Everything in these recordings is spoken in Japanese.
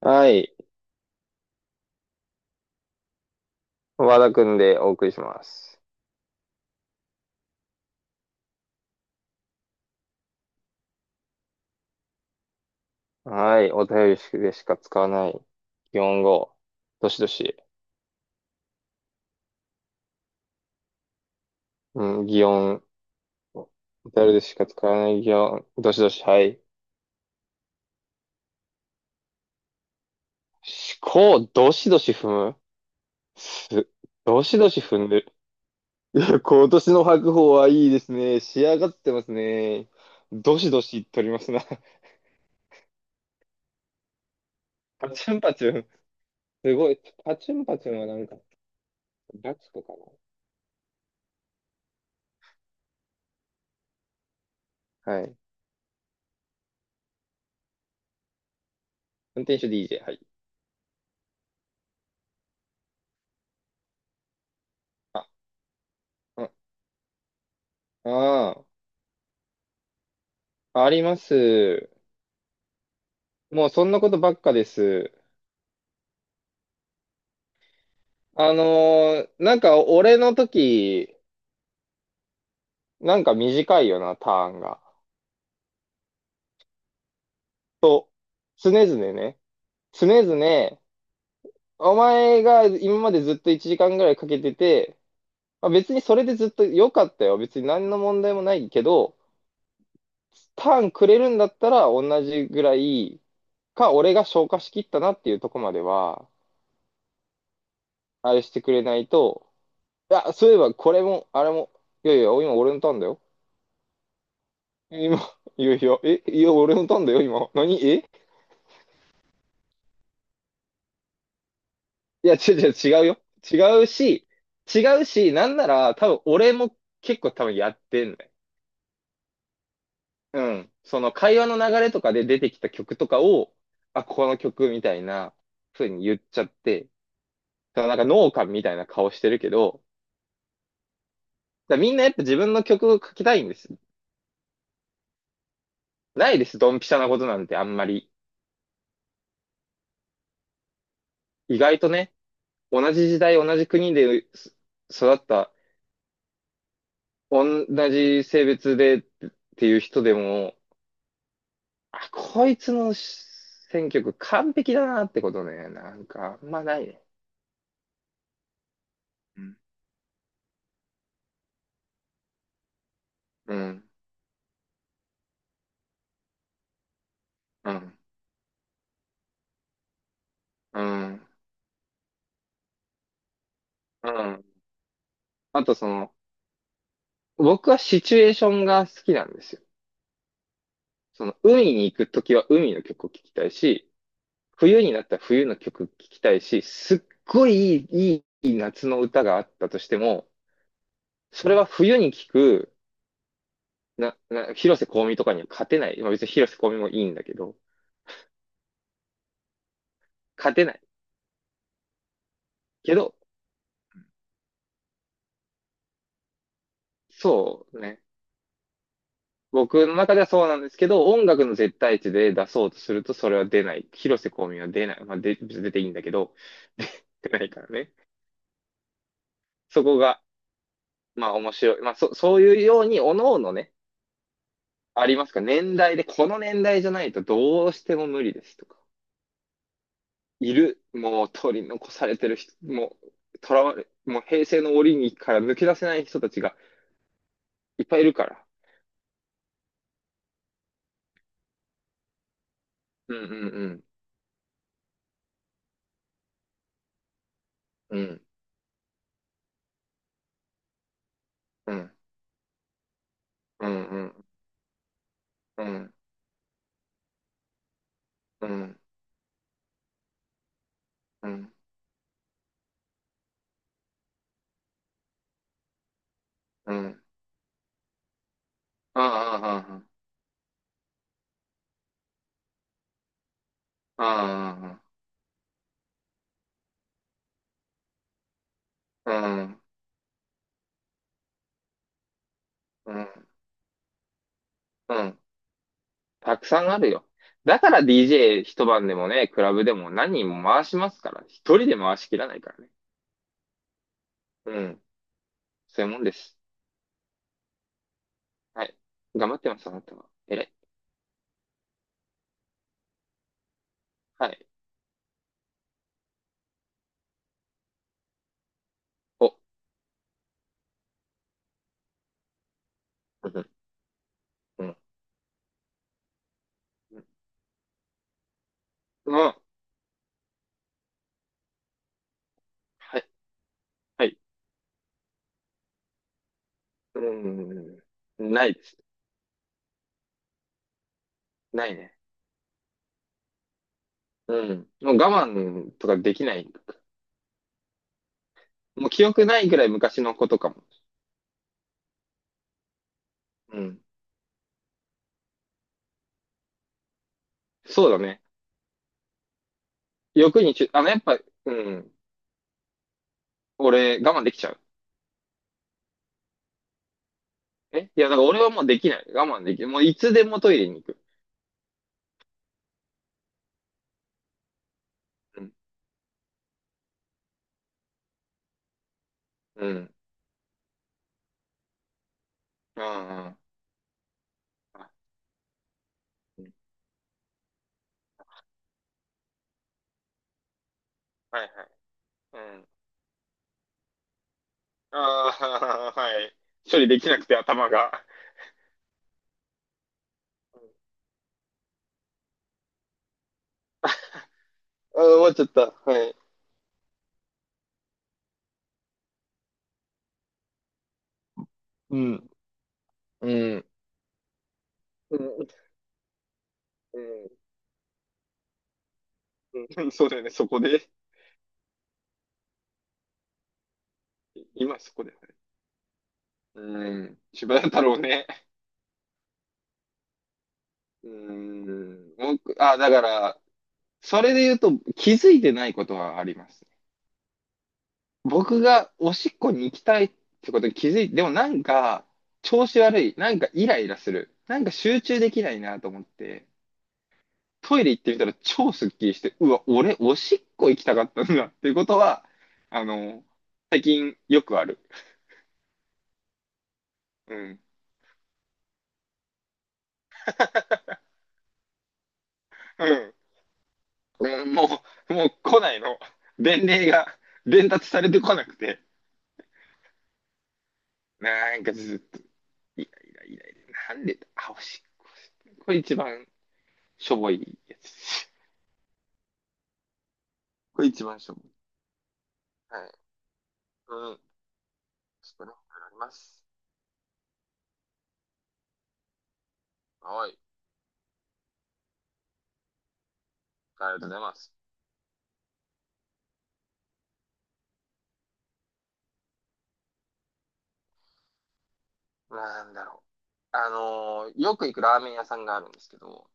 はい。和田くんでお送りします。はい。お便りでしか使わない。擬音語。どしどし。うん、擬音。お便りでしか使わない擬音。どしどし。はい。思考、どしどし踏むす、どしどし踏んでる。いや、今年の白鵬はいいですね。仕上がってますね。どしどし取りますな。パチュンパチュン。すごい。パチュンパチュンはなんか、ガチコかな。はい。運転手 DJ。はい。あ、あ、ああ。あります。もうそんなことばっかです。あのなんか俺の時、なんか短いよな、ターンが。と、常々ね。常々、お前が今までずっと1時間ぐらいかけてて、まあ、別にそれでずっと良かったよ。別に何の問題もないけど、ターンくれるんだったら同じぐらいか、俺が消化しきったなっていうとこまでは、あれしてくれないと、いや、そういえばこれも、あれも、いやいや、今俺のターンだよ。今、いやいや、え、いや、俺のターンだよ、今。何えいや、違う違う、違うよ。違うし、違うし、なんなら、多分俺も結構多分やってんね。うん。その会話の流れとかで出てきた曲とかを、あ、この曲みたいな風に言っちゃって、そのなんか農家みたいな顔してるけど、だからみんなやっぱ自分の曲を書きたいんです。ないです、ドンピシャなことなんてあんまり。意外とね、同じ時代、同じ国で育った同じ性別でっていう人でも、あ、こいつの選曲完璧だなってことね。なんか、あんまないね。うん、うん、うん、うん。あとその、僕はシチュエーションが好きなんですよ。その、海に行くときは海の曲を聴きたいし、冬になったら冬の曲聴きたいし、すっごい、いい夏の歌があったとしても、それは冬に聴く、広瀬香美とかには勝てない。まあ別に広瀬香美もいいんだけど、勝てない。けど、そうね。僕の中ではそうなんですけど、音楽の絶対値で出そうとするとそれは出ない。広瀬香美は出ない。まあ、で、別に出ていいんだけど、出ないからね。そこが、まあ面白い。まあそういうように、おのおのね、ありますか。年代で、この年代じゃないとどうしても無理ですとか。いる。もう取り残されてる人、もう、とらわれ、もう平成の檻にから抜け出せない人たちがいっぱいいるから。うんうんうん。うん。うん。うんうん。うん。うん、うん、うん。ああ、ああ、ああ、うん、うん、うん。たくさんあるよ。だから DJ 一晩でもね、クラブでも何人も回しますから。一人で回しきらないからね。うん。そういうもんです。はい。頑張ってます、あなたは。偉い。はい。お、うん、うん、うん。うんはい、はい。うん。ないです。ないね。うん。もう我慢とかできないんだ。もう記憶ないぐらい昔のことかも。うん。そうだね。欲にちゅ、やっぱ、うん。俺、我慢できちゃう。えいや、だから俺はもうできない。我慢できる。もういつでもトイレに行く。うん。うん。うんうんあうんはいはい。うん。ああ、はい。処理できなくて頭が。ああ、終わっちゃった。はい。うん。うん。うん。うん。そうだよね。そこで。今そこで。うん。柴田太郎ね。うん。あ、だから、それで言うと気づいてないことはあります。僕がおしっこに行きたいってことに気づいて、でもなんか、調子悪い。なんかイライラする。なんか集中できないなと思って、トイレ行ってみたら超スッキリして、うわ、俺、おしっこ行きたかったんだっていうことは、あの、最近よくある。うん。うん。ももう来ないの。伝令が伝達されてこなくて。なんかずっと、イライライライラ。なんでだ、あ、おしっこ。これ一番しょぼいやつ。これ一番しょぼい。はい。うん。ちょっとね、あります。はい。ありがとうございます。なんだろう。よく行くラーメン屋さんがあるんですけど、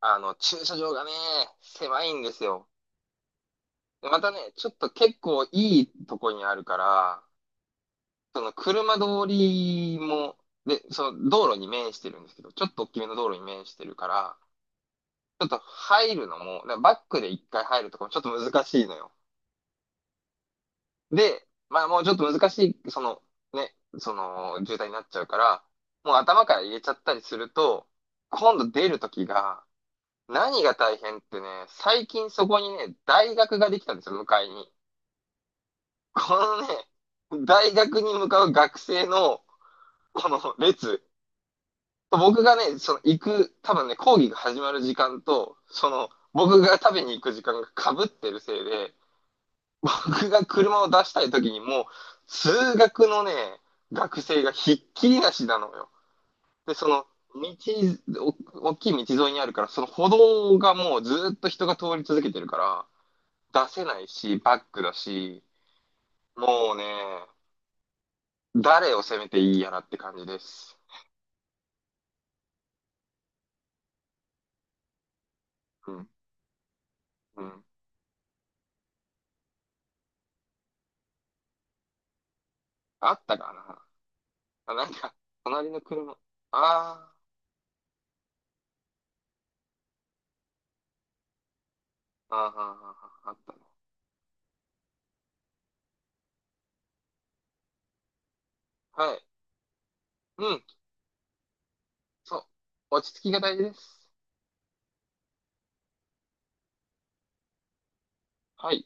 駐車場がね、狭いんですよ。でまたね、ちょっと結構いいとこにあるから、その車通りも、で、その道路に面してるんですけど、ちょっと大きめの道路に面してるから、ちょっと入るのも、だからバックで一回入るとかもちょっと難しいのよ。で、まあもうちょっと難しい、そのね、その渋滞になっちゃうから、もう頭から入れちゃったりすると、今度出るときが、何が大変ってね、最近そこにね、大学ができたんですよ、向かいに。このね、大学に向かう学生の、この列。僕がね、その行く、多分ね、講義が始まる時間と、その、僕が食べに行く時間が被ってるせいで、僕が車を出したい時にもう、数学のね、学生がひっきりなしなのよ。で、その、道、大きい道沿いにあるから、その歩道がもうずっと人が通り続けてるから、出せないし、バックだし、もうね、誰を責めていいやらって感じです。うん、うん。あったかなあ、なんか、隣の車。あーあー、あーあー、あーあったね。はい。うん、そう。落ち着きが大事です。はい。